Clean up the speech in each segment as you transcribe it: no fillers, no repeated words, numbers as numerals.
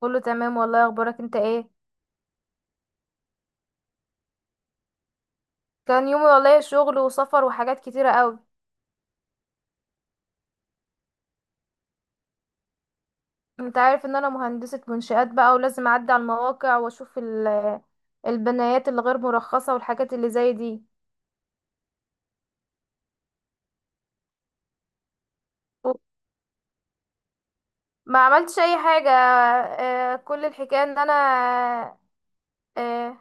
كله تمام والله. اخبارك انت ايه؟ كان يومي والله شغل وسفر وحاجات كتيرة قوي. انت عارف ان انا مهندسة منشآت بقى، ولازم اعدي على المواقع واشوف البنايات اللي غير مرخصة والحاجات اللي زي دي. و- ما عملتش اي حاجة. آه، آه،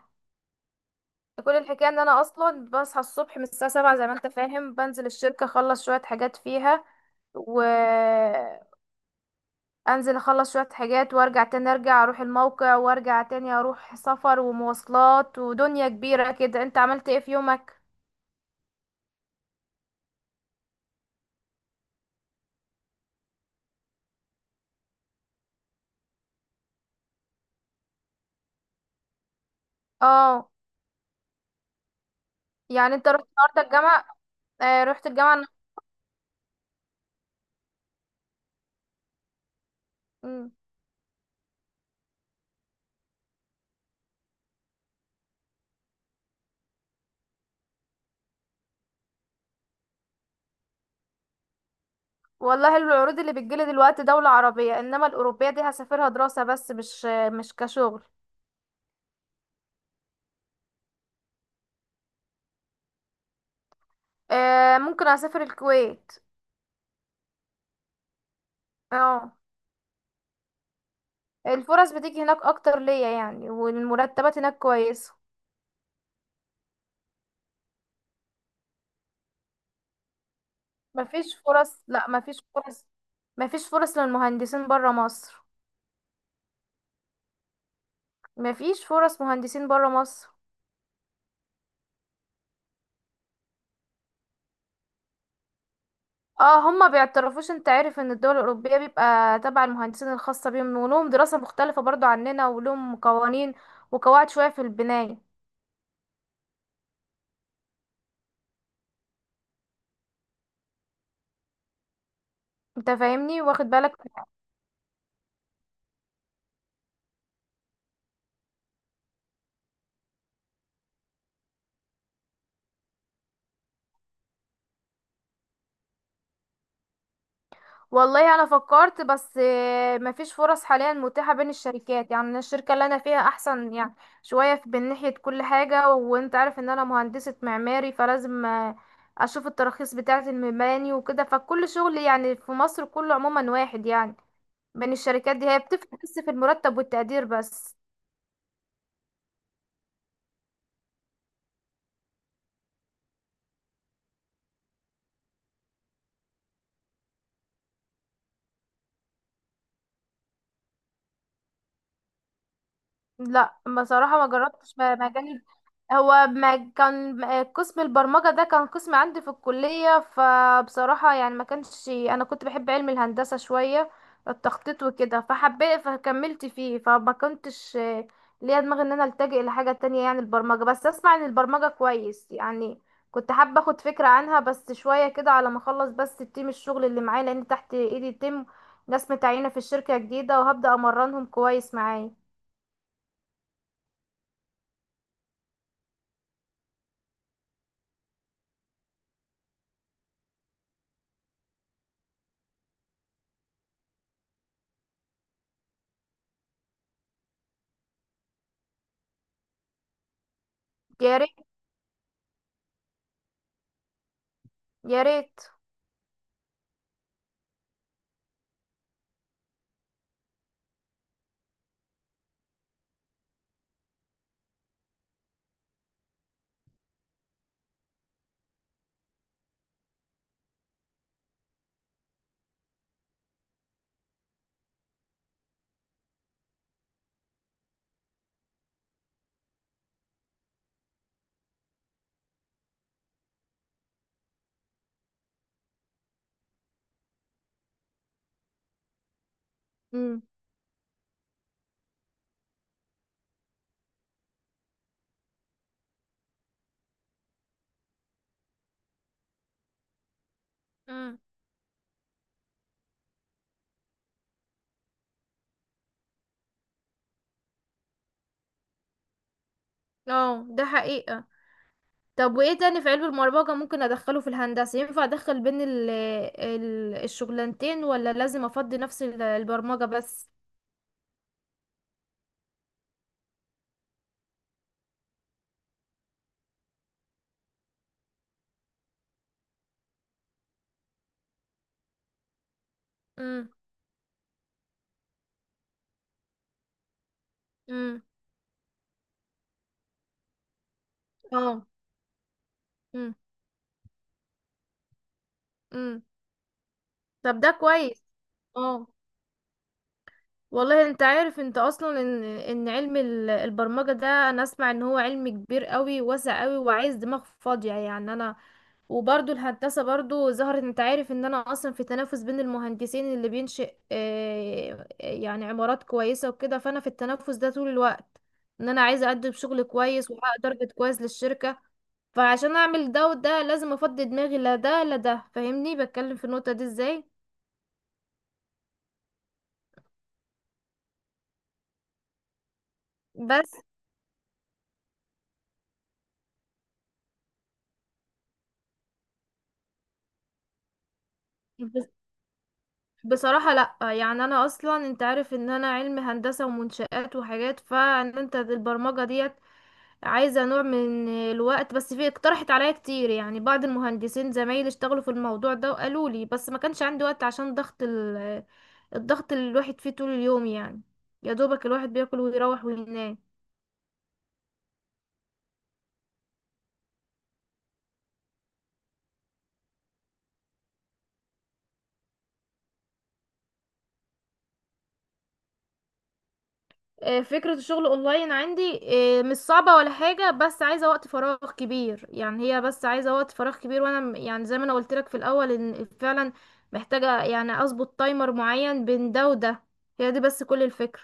كل الحكاية ان انا اصلا بصحى الصبح من الساعة 7، زي ما انت فاهم. بنزل الشركة اخلص شوية حاجات فيها، و... انزل اخلص شوية حاجات وارجع تاني، ارجع اروح الموقع وارجع تاني، اروح سفر ومواصلات ودنيا كبيرة كده. انت عملت ايه في يومك؟ اه. يعني انت رحت النهارده الجامعة؟ آه، رحت الجامعة مم. والله العروض اللي بتجيلي دلوقتي دولة عربية، انما الأوروبية دي هسافرها دراسة، بس مش كشغل. آه، ممكن اسافر الكويت. اه. الفرص بتيجي هناك اكتر ليا يعني، والمرتبات هناك كويسة. مفيش فرص. لا، مفيش فرص. مفيش فرص للمهندسين برا مصر. مفيش فرص مهندسين برا مصر. اه، هما بيعترفوش. انت عارف ان الدول الاوروبيه بيبقى تبع المهندسين الخاصه بيهم، ولهم دراسه مختلفه برضو عننا، ولهم قوانين وقواعد شويه في البنايه. انت فاهمني واخد بالك. والله انا فكرت، بس مفيش فرص حاليا متاحه بين الشركات. يعني الشركه اللي انا فيها احسن يعني شويه من ناحيه كل حاجه. وانت عارف ان انا مهندسه معماري، فلازم اشوف التراخيص بتاعه المباني وكده. فكل شغل يعني في مصر كله عموما واحد يعني، بين الشركات دي هي بتفرق بس في المرتب والتقدير بس. لا، بصراحة ما جربتش مجال. هو ما كان قسم البرمجة ده كان قسم عندي في الكلية. فبصراحة يعني ما كانش، أنا كنت بحب علم الهندسة، شوية التخطيط وكده، فحبيت فكملت فيه. فما كنتش ليا دماغ ان انا التجئ لحاجة تانية يعني البرمجة. بس اسمع عن البرمجة كويس يعني، كنت حابة اخد فكرة عنها بس شوية كده على ما اخلص. بس التيم الشغل اللي معايا، لان تحت ايدي تيم ناس متعينة في الشركة جديدة وهبدأ امرنهم كويس معايا. يا ريت. امم. امم. اه، ده حقيقة. طب وايه تاني في علم المربجة ممكن ادخله في الهندسة؟ ينفع ادخل بين ال الشغلانتين ولا لازم افضي نفس البرمجة بس؟ امم. امم. اه. امم. امم. طب ده كويس. اه، والله. انت عارف انت اصلا ان علم البرمجة ده، انا اسمع ان هو علم كبير قوي واسع قوي وعايز دماغ فاضية يعني انا. وبرضو الهندسة برضو ظهرت. انت عارف ان انا اصلا في تنافس بين المهندسين اللي بينشئ يعني عمارات كويسة وكده، فانا في التنافس ده طول الوقت، ان انا عايزة اقدم شغل كويس واحقق تارجت كويس للشركة. فعشان اعمل ده وده لازم افضي دماغي، لا ده لا ده. فاهمني بتكلم في النقطة دي ازاي؟ بس بس بصراحة لا. يعني انا اصلا، انت عارف ان انا علم هندسة ومنشآت وحاجات، فان انت البرمجة دي عايزة نوع من الوقت بس. في اقترحت عليا كتير، يعني بعض المهندسين زمايلي اشتغلوا في الموضوع ده وقالوا لي، بس ما كانش عندي وقت عشان ضغط الضغط اللي الواحد فيه طول اليوم يعني. يا دوبك الواحد بياكل ويروح وينام. آه، فكرة الشغل اونلاين عندي مش صعبة ولا حاجة، بس عايزة وقت فراغ كبير. يعني هي بس عايزة وقت فراغ كبير. وانا يعني زي ما انا قلت لك في الاول ان فعلا محتاجة يعني اظبط تايمر معين بين ده وده. هي دي بس كل الفكرة.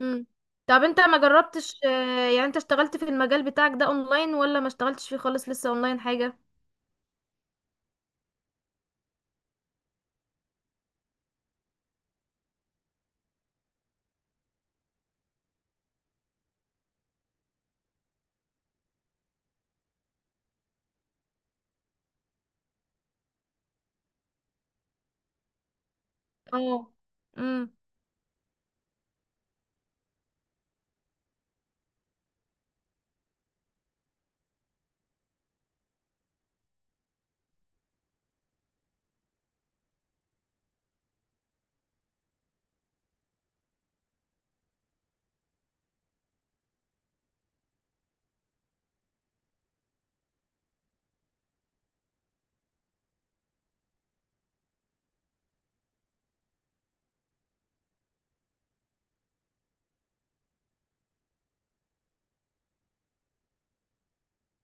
مم. طب انت ما جربتش يعني انت اشتغلت في المجال بتاعك ده اونلاين، ولا ما اشتغلتش فيه خالص لسه اونلاين حاجة؟ اه. امم.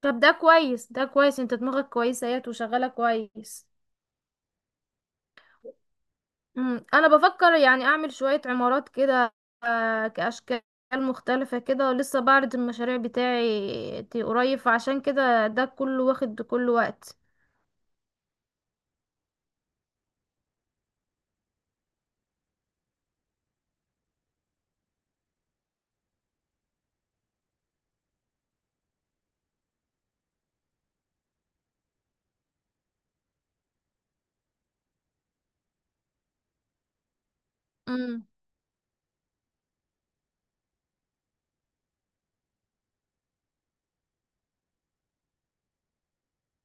طب ده كويس ده كويس. انت دماغك كويسة اهيت وشغالة كويس. امم، انا بفكر يعني اعمل شوية عمارات كده، كاشكال مختلفة كده. ولسه بعرض المشاريع بتاعي قريب، فعشان كده ده كله واخد كل وقت. امم.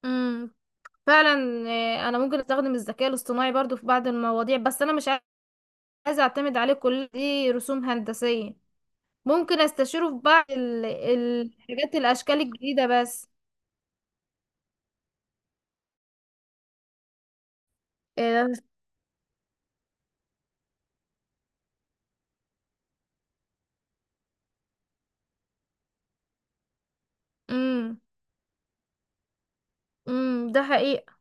امم. فعلا. آه، انا ممكن استخدم الذكاء الاصطناعي برضو في بعض المواضيع، بس انا مش عايزة اعتمد عليه، كل دي رسوم هندسية. ممكن استشيره في بعض الحاجات، الاشكال الجديدة بس. امم. امم. ده حقيقة.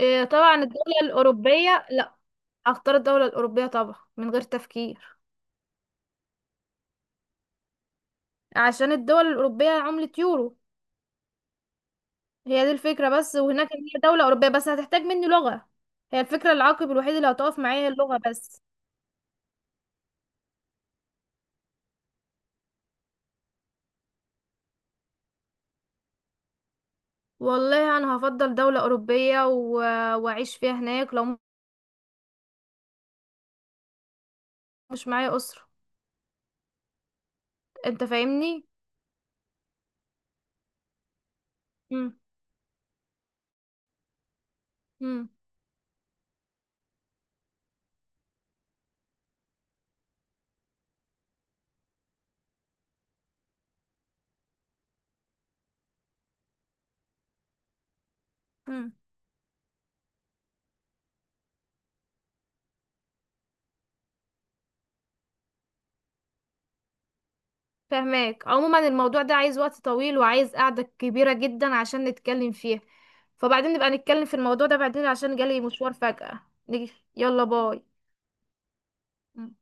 إيه، طبعا الدولة الاوروبية. لا، اختار الدولة الاوروبية طبعا من غير تفكير. عشان الدول الاوروبية عملة يورو. هي دي الفكرة بس. وهناك إن هي دولة اوروبية، بس هتحتاج مني لغة. هي الفكرة، العائق الوحيد اللي هتقف معايا هي اللغة بس. والله انا هفضل دولة اوروبية واعيش فيها هناك لو مش معايا اسرة. انت فاهمني. مم. مم. مم. فهماك. عموما الموضوع ده عايز وقت طويل وعايز قعدة كبيرة جدا عشان نتكلم فيها. فبعدين نبقى نتكلم في الموضوع ده بعدين عشان جالي مشوار فجأة. نيجي، يلا باي. مم.